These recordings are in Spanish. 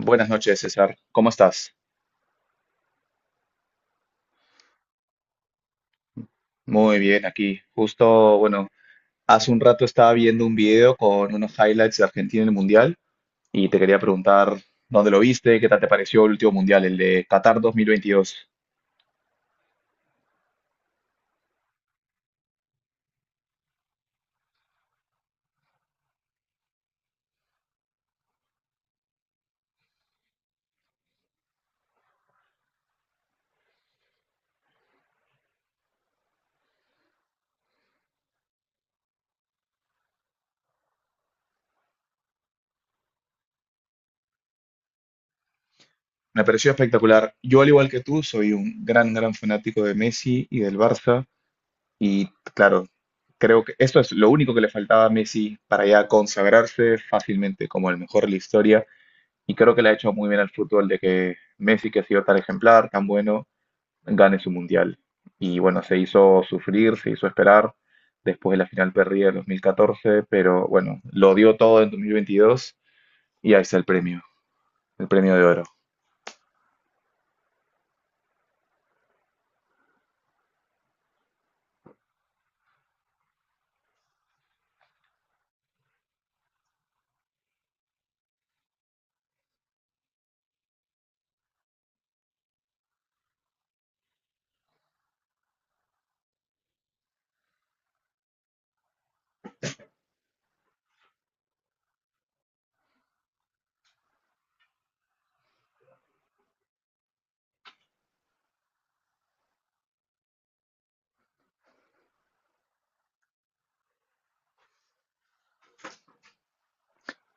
Buenas noches, César. ¿Cómo estás? Muy bien, aquí. Justo, bueno, hace un rato estaba viendo un video con unos highlights de Argentina en el Mundial y te quería preguntar dónde lo viste, qué tal te pareció el último Mundial, el de Qatar 2022. Me pareció espectacular. Yo, al igual que tú, soy un gran fanático de Messi y del Barça y, claro, creo que esto es lo único que le faltaba a Messi para ya consagrarse fácilmente como el mejor de la historia. Y creo que le ha hecho muy bien al fútbol de que Messi, que ha sido tan ejemplar, tan bueno, gane su mundial. Y bueno, se hizo sufrir, se hizo esperar después de la final perdida en 2014, pero bueno, lo dio todo en 2022 y ahí está el premio de oro.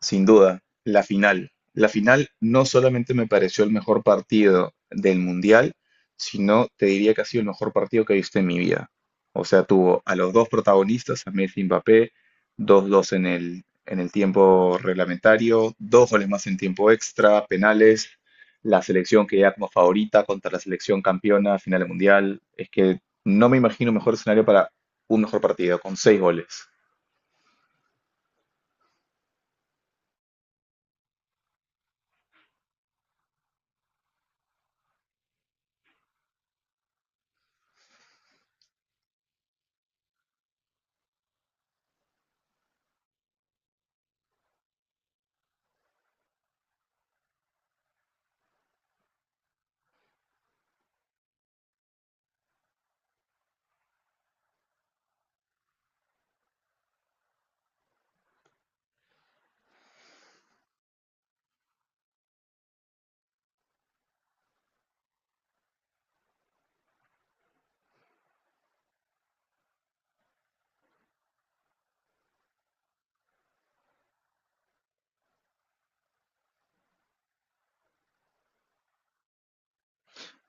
Sin duda, la final. La final no solamente me pareció el mejor partido del Mundial, sino te diría que ha sido el mejor partido que he visto en mi vida. O sea, tuvo a los dos protagonistas, a Messi y Mbappé, dos 2 en el tiempo reglamentario, dos goles más en tiempo extra, penales, la selección que ya como favorita contra la selección campeona, final del Mundial. Es que no me imagino mejor escenario para un mejor partido, con seis goles.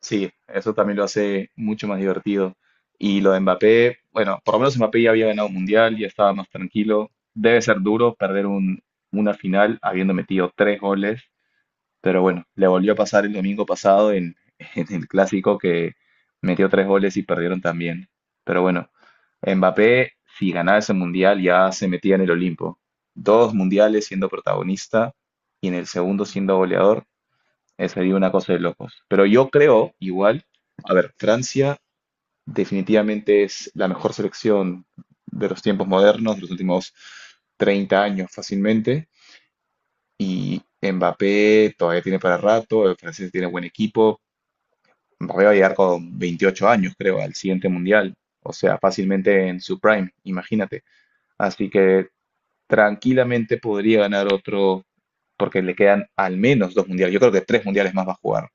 Sí, eso también lo hace mucho más divertido. Y lo de Mbappé, bueno, por lo menos Mbappé ya había ganado un mundial, ya estaba más tranquilo. Debe ser duro perder una final habiendo metido tres goles, pero bueno, le volvió a pasar el domingo pasado en, en el clásico que metió tres goles y perdieron también. Pero bueno, Mbappé, si ganaba ese mundial, ya se metía en el Olimpo. Dos mundiales siendo protagonista y en el segundo siendo goleador. Sería una cosa de locos. Pero yo creo, igual, a ver, Francia definitivamente es la mejor selección de los tiempos modernos, de los últimos 30 años fácilmente. Y Mbappé todavía tiene para rato, el francés tiene buen equipo. Mbappé va a llegar con 28 años, creo, al siguiente mundial. O sea, fácilmente en su prime, imagínate. Así que tranquilamente podría ganar otro, porque le quedan al menos dos mundiales. Yo creo que tres mundiales más va a jugar.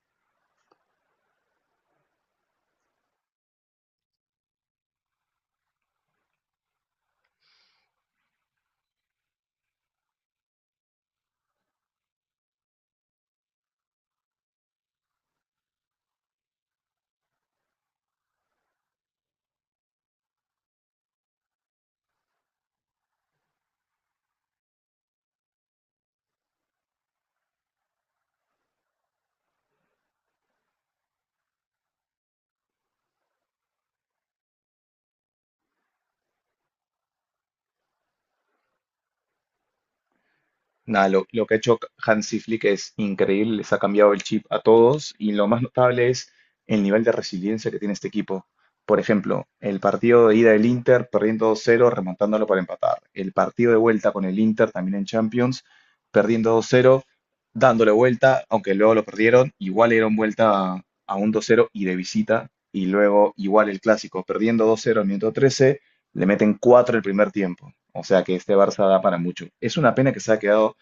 Nada, lo que ha hecho Hansi Flick es increíble, les ha cambiado el chip a todos y lo más notable es el nivel de resiliencia que tiene este equipo. Por ejemplo, el partido de ida del Inter perdiendo 2-0, remontándolo para empatar. El partido de vuelta con el Inter también en Champions, perdiendo 2-0, dándole vuelta, aunque luego lo perdieron, igual le dieron vuelta a un 2-0 y de visita. Y luego igual el clásico, perdiendo 2-0 al minuto 13, le meten 4 el primer tiempo. O sea que este Barça da para mucho. Es una pena que se ha quedado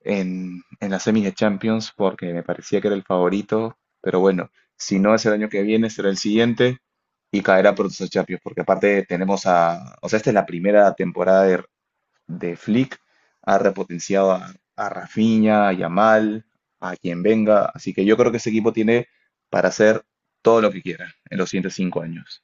en las semis de Champions porque me parecía que era el favorito, pero bueno, si no es el año que viene, será el siguiente y caerá por sus Champions, porque aparte tenemos a, o sea, esta es la primera temporada de Flick, ha repotenciado a Rafinha, a Yamal, a quien venga, así que yo creo que ese equipo tiene para hacer todo lo que quiera en los siguientes 5 años.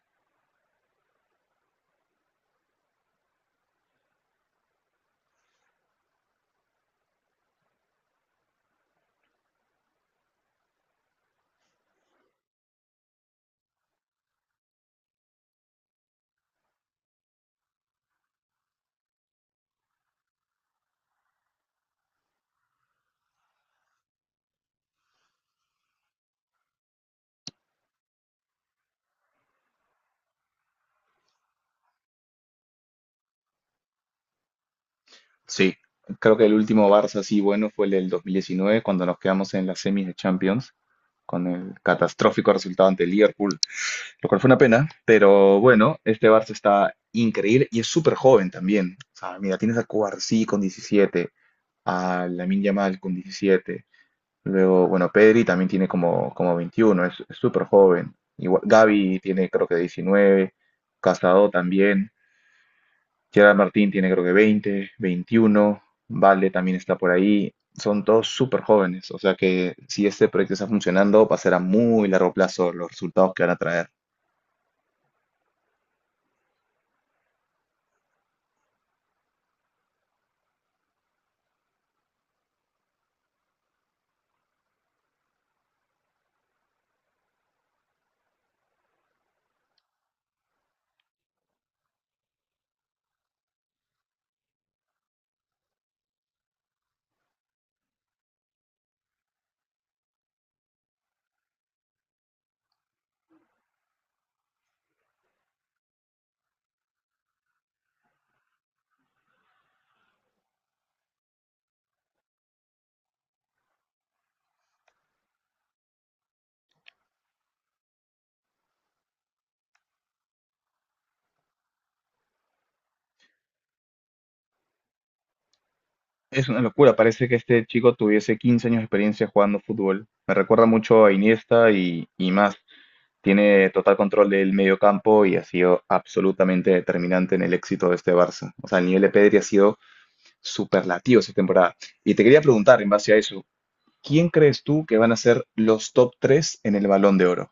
Sí, creo que el último Barça así bueno fue el del 2019, cuando nos quedamos en las semis de Champions, con el catastrófico resultado ante el Liverpool, lo cual fue una pena, pero bueno, este Barça está increíble y es súper joven también. O sea, mira, tienes a Cubarsí con 17, a Lamine Yamal con 17, luego, bueno, Pedri también tiene como, como 21, es súper joven. Igual, Gavi tiene creo que 19, Casado también, Gerard Martín tiene creo que 20, 21, Vale también está por ahí. Son todos súper jóvenes, o sea que si este proyecto está funcionando, va a ser a muy largo plazo los resultados que van a traer. Es una locura, parece que este chico tuviese 15 años de experiencia jugando fútbol. Me recuerda mucho a Iniesta y más. Tiene total control del medio campo y ha sido absolutamente determinante en el éxito de este Barça. O sea, el nivel de Pedri ha sido superlativo esta temporada. Y te quería preguntar, en base a eso, ¿quién crees tú que van a ser los top 3 en el Balón de Oro?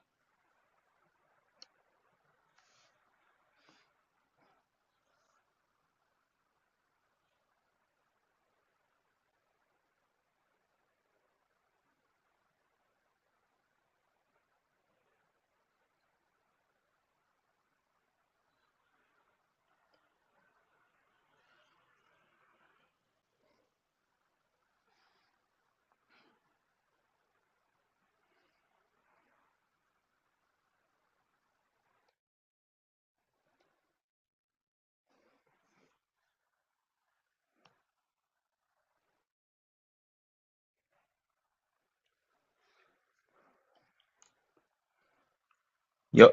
Yo,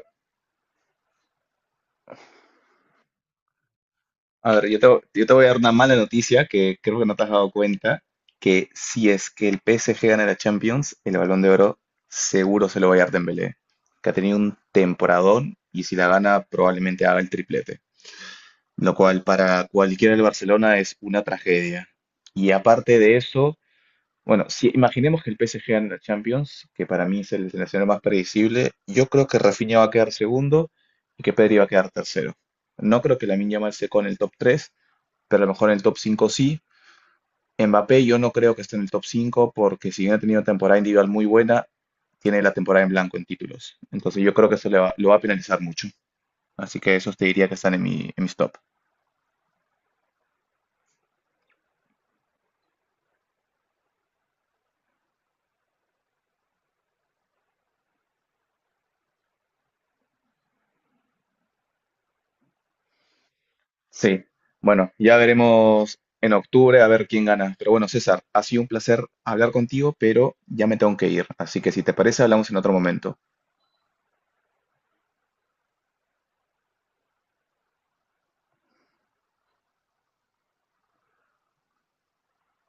a ver, yo te voy a dar una mala noticia que creo que no te has dado cuenta, que si es que el PSG gana la Champions, el Balón de Oro seguro se lo va a dar Dembélé, que ha tenido un temporadón y si la gana probablemente haga el triplete, lo cual para cualquiera del Barcelona es una tragedia. Y aparte de eso, bueno, si imaginemos que el PSG gana la Champions, que para mí es el seleccionador más predecible, yo creo que Rafinha va a quedar segundo y que Pedri va a quedar tercero. No creo que Lamine Yamal se con el top 3, pero a lo mejor en el top 5 sí. Mbappé yo no creo que esté en el top 5 porque si bien ha tenido una temporada individual muy buena, tiene la temporada en blanco en títulos. Entonces yo creo que eso lo va a penalizar mucho. Así que esos te diría que están en en mis top. Sí, bueno, ya veremos en octubre a ver quién gana. Pero bueno, César, ha sido un placer hablar contigo, pero ya me tengo que ir. Así que si te parece, hablamos en otro momento.